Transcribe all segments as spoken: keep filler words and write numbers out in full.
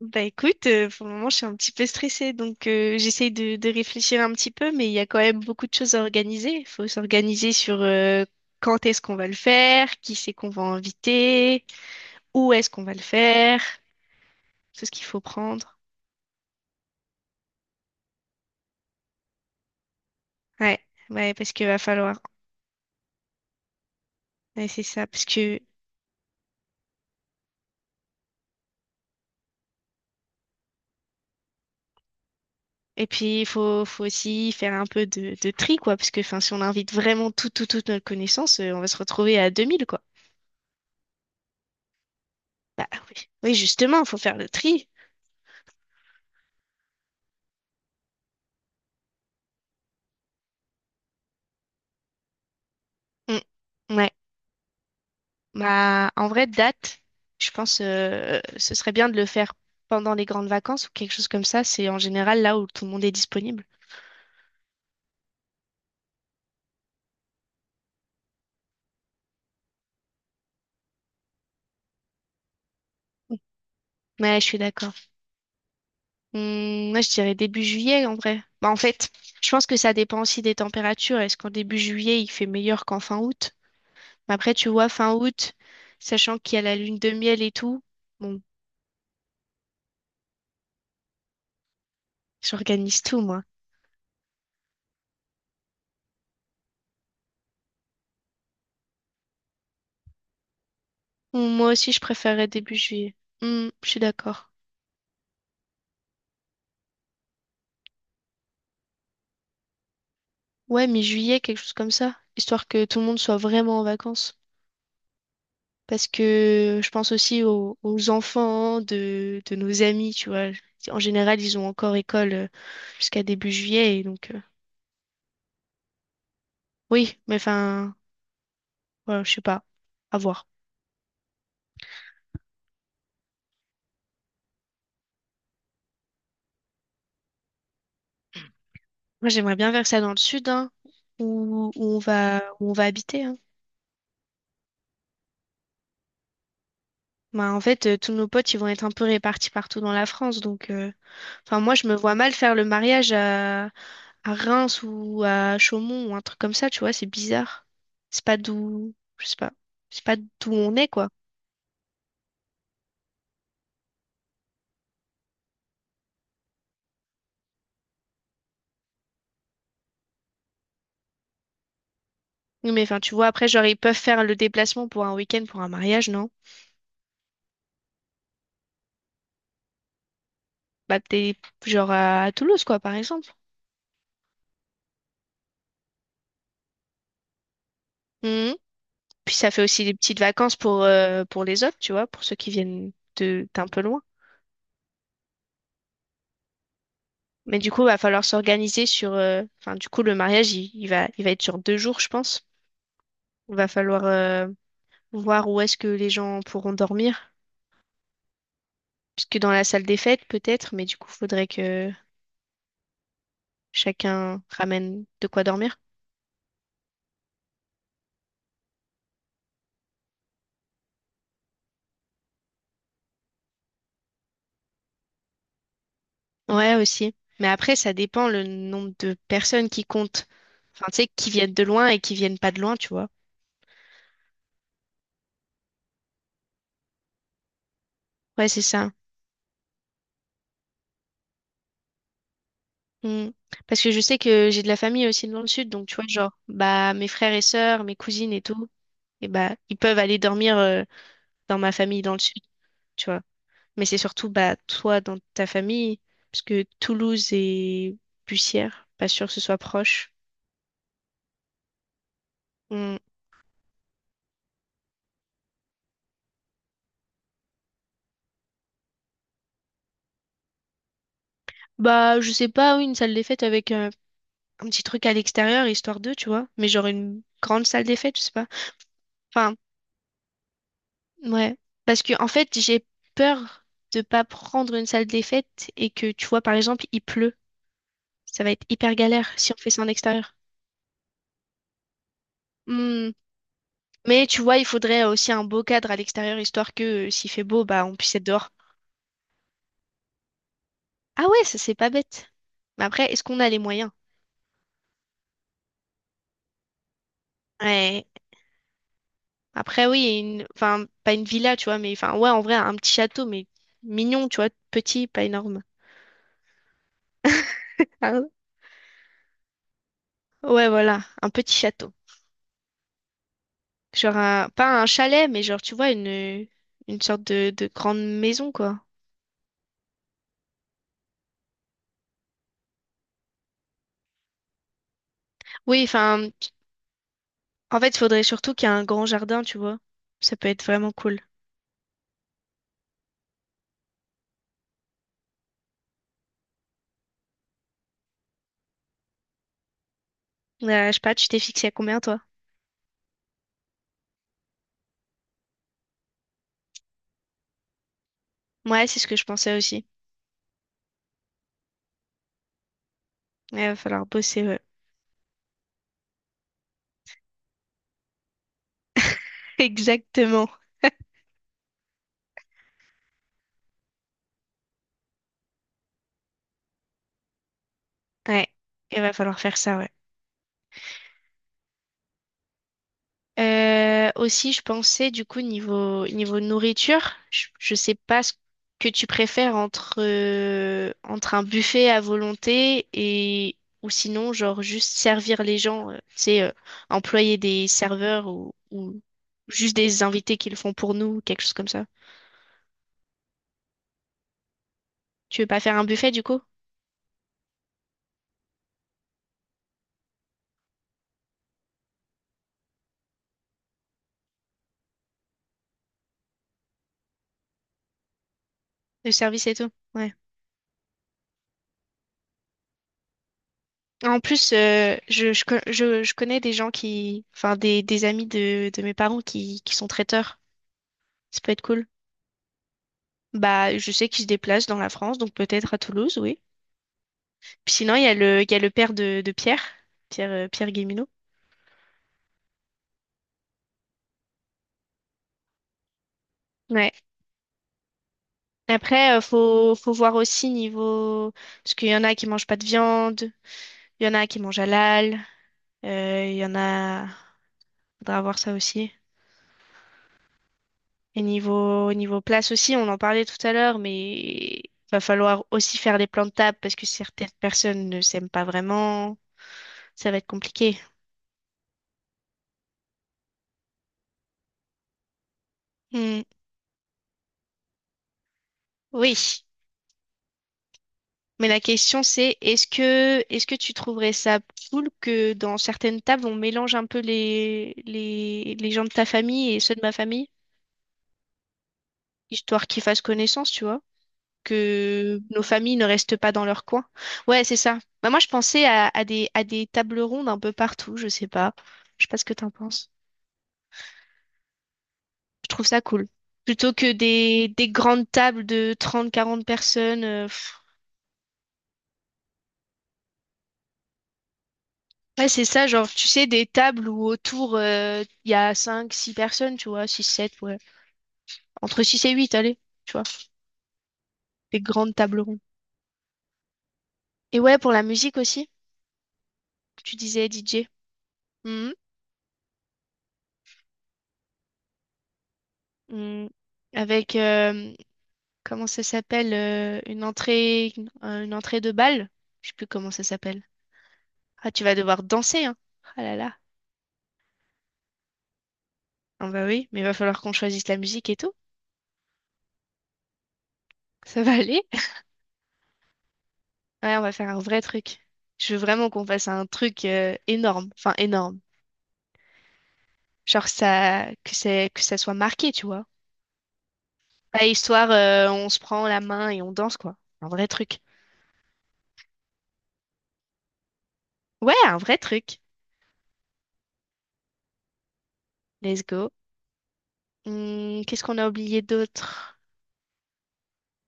Bah écoute, euh, pour le moment, je suis un petit peu stressée, donc euh, j'essaye de, de réfléchir un petit peu, mais il y a quand même beaucoup de choses à organiser. Il faut s'organiser sur euh, quand est-ce qu'on va le faire, qui c'est qu'on va inviter, où est-ce qu'on va le faire, tout ce qu'il faut prendre. Ouais, ouais, parce qu'il va falloir. Ouais, c'est ça, parce que et puis il faut, faut aussi faire un peu de, de tri, quoi, parce que enfin, si on invite vraiment tout, tout, toute notre connaissance, euh, on va se retrouver à deux mille quoi. Bah oui, oui, justement, il faut faire le tri. Mm. Ouais. Bah, en vrai, date, je pense euh, ce serait bien de le faire pendant les grandes vacances ou quelque chose comme ça. C'est en général là où tout le monde est disponible. Ouais, je suis d'accord. Hum, moi, je dirais début juillet en vrai. Bah, en fait, je pense que ça dépend aussi des températures. Est-ce qu'en début juillet, il fait meilleur qu'en fin août? Mais après, tu vois, fin août, sachant qu'il y a la lune de miel et tout, bon, j'organise tout, moi. Hum, moi aussi, je préférerais début juillet. Hum, je suis d'accord. Ouais, mi-juillet, quelque chose comme ça, histoire que tout le monde soit vraiment en vacances. Parce que je pense aussi aux, aux enfants de, de nos amis, tu vois. En général, ils ont encore école euh, jusqu'à début juillet, et donc euh, oui, mais enfin, voilà, je sais pas, à voir. Moi, j'aimerais bien faire ça dans le sud, hein, où, où on va, où on va habiter, hein. Bah, en fait, euh, tous nos potes, ils vont être un peu répartis partout dans la France, donc euh, enfin, moi, je me vois mal faire le mariage à Reims ou à Chaumont ou un truc comme ça, tu vois, c'est bizarre. C'est pas d'où, je sais pas, c'est pas d'où on est, quoi. Oui, mais enfin, tu vois, après, genre, ils peuvent faire le déplacement pour un week-end, pour un mariage, non? Bah, peut-être, genre, à, à Toulouse, quoi, par exemple. Mhm. Puis ça fait aussi des petites vacances pour, euh, pour les autres, tu vois, pour ceux qui viennent de, d'un peu loin. Mais du coup, va falloir s'organiser sur, euh, enfin, du coup, le mariage, il, il va, il va être sur deux jours, je pense. Il va falloir, euh, voir où est-ce que les gens pourront dormir. Parce que dans la salle des fêtes, peut-être, mais du coup, faudrait que chacun ramène de quoi dormir. Ouais, aussi. Mais après, ça dépend le nombre de personnes qui comptent. Enfin, tu sais, qui viennent de loin et qui viennent pas de loin, tu vois. Ouais, c'est ça. Mm. Parce que je sais que j'ai de la famille aussi dans le sud, donc tu vois, genre, bah, mes frères et sœurs, mes cousines et tout, et bah, ils peuvent aller dormir euh, dans ma famille dans le sud, tu vois. Mais c'est surtout, bah, toi dans ta famille, parce que Toulouse et Bussière, pas sûr que ce soit proche. Hmm. Bah, je sais pas, oui, une salle des fêtes avec euh, un petit truc à l'extérieur, histoire d'eux, tu vois. Mais genre une grande salle des fêtes, je sais pas. Enfin, ouais. Parce que, en fait, j'ai peur de pas prendre une salle des fêtes et que, tu vois, par exemple, il pleut. Ça va être hyper galère si on fait ça en extérieur. Hmm. Mais tu vois, il faudrait aussi un beau cadre à l'extérieur, histoire que euh, s'il fait beau, bah, on puisse être dehors. Ah ouais, ça, c'est pas bête. Mais après, est-ce qu'on a les moyens? Ouais. Après, oui, et une... enfin, pas une villa, tu vois, mais enfin, ouais, en vrai, un petit château, mais mignon, tu vois, petit, pas énorme. Ah, ouais, voilà, un petit château. Genre, un... pas un chalet, mais genre, tu vois, une, une sorte de... de grande maison, quoi. Oui, enfin, en fait, il faudrait surtout qu'il y ait un grand jardin, tu vois. Ça peut être vraiment cool. Euh, je sais pas, tu t'es fixé à combien, toi? Ouais, c'est ce que je pensais aussi. Ouais, il va falloir bosser, ouais. Exactement. Ouais, il va falloir faire ça, ouais. Euh, aussi, je pensais du coup niveau niveau nourriture, je, je sais pas ce que tu préfères entre euh, entre un buffet à volonté et ou sinon genre juste servir les gens, euh, tu sais, euh, employer des serveurs ou, ou juste des invités qui le font pour nous, quelque chose comme ça. Tu veux pas faire un buffet du coup, de service et tout? Ouais. En plus, euh, je, je, co- je, je connais des gens qui, enfin des, des amis de, de mes parents qui, qui sont traiteurs. Ça peut être cool. Bah, je sais qu'il se déplace dans la France, donc peut-être à Toulouse, oui. Puis sinon, il y a le, il y a le père de, de Pierre, Pierre, euh, Pierre Guéminaud. Ouais. Après, euh, faut, faut voir aussi niveau... Parce qu'il y en a qui mangent pas de viande, il y en a qui mangent halal, euh, il y en a... Faudra voir ça aussi. Et niveau, niveau place aussi, on en parlait tout à l'heure, mais va falloir aussi faire des plans de table parce que certaines personnes ne s'aiment pas vraiment. Ça va être compliqué. Hmm. Oui. Mais la question c'est, est-ce que est-ce que tu trouverais ça cool que dans certaines tables on mélange un peu les les les gens de ta famille et ceux de ma famille, histoire qu'ils fassent connaissance, tu vois, que nos familles ne restent pas dans leur coin. Ouais, c'est ça. Bah, moi je pensais à, à des à des tables rondes un peu partout, je sais pas. Je sais pas ce que t'en penses. Je trouve ça cool. Plutôt que des des grandes tables de trente quarante personnes. Ouais, c'est ça, genre, tu sais, des tables où autour, euh, il y a cinq six personnes, tu vois, six sept ouais. Entre six et huit allez, tu vois, des grandes tables rondes. Et ouais, pour la musique aussi, tu disais D J. Mhm. Mhm. Avec, euh, comment ça s'appelle, euh, une entrée, une, euh, une entrée de bal? Je sais plus comment ça s'appelle. Ah, tu vas devoir danser, hein. Ah là là. Ah bah oui, mais il va falloir qu'on choisisse la musique et tout. Ça va aller? Ouais, on va faire un vrai truc. Je veux vraiment qu'on fasse un truc, euh, énorme. Enfin, énorme. Genre ça, que c'est, que ça soit marqué, tu vois. Pas histoire, euh, on se prend la main et on danse, quoi. Un vrai truc. Ouais, un vrai truc. Let's go. Hmm, qu'est-ce qu'on a oublié d'autre?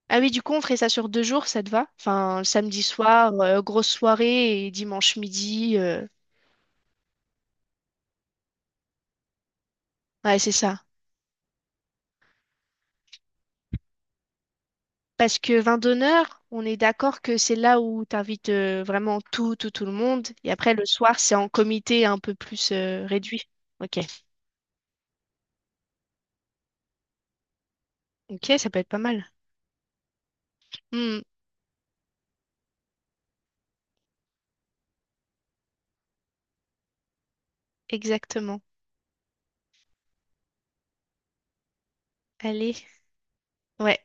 Ah oui, du coup, on ferait ça sur deux jours, ça te va? Enfin, le samedi soir, euh, grosse soirée et dimanche midi. euh, Ouais, c'est ça. Parce que vin d'honneur, on est d'accord que c'est là où t'invites euh, vraiment tout, tout, tout le monde. Et après, le soir, c'est en comité un peu plus euh, réduit. Ok. Ok, ça peut être pas mal. Hmm, exactement. Allez. Ouais.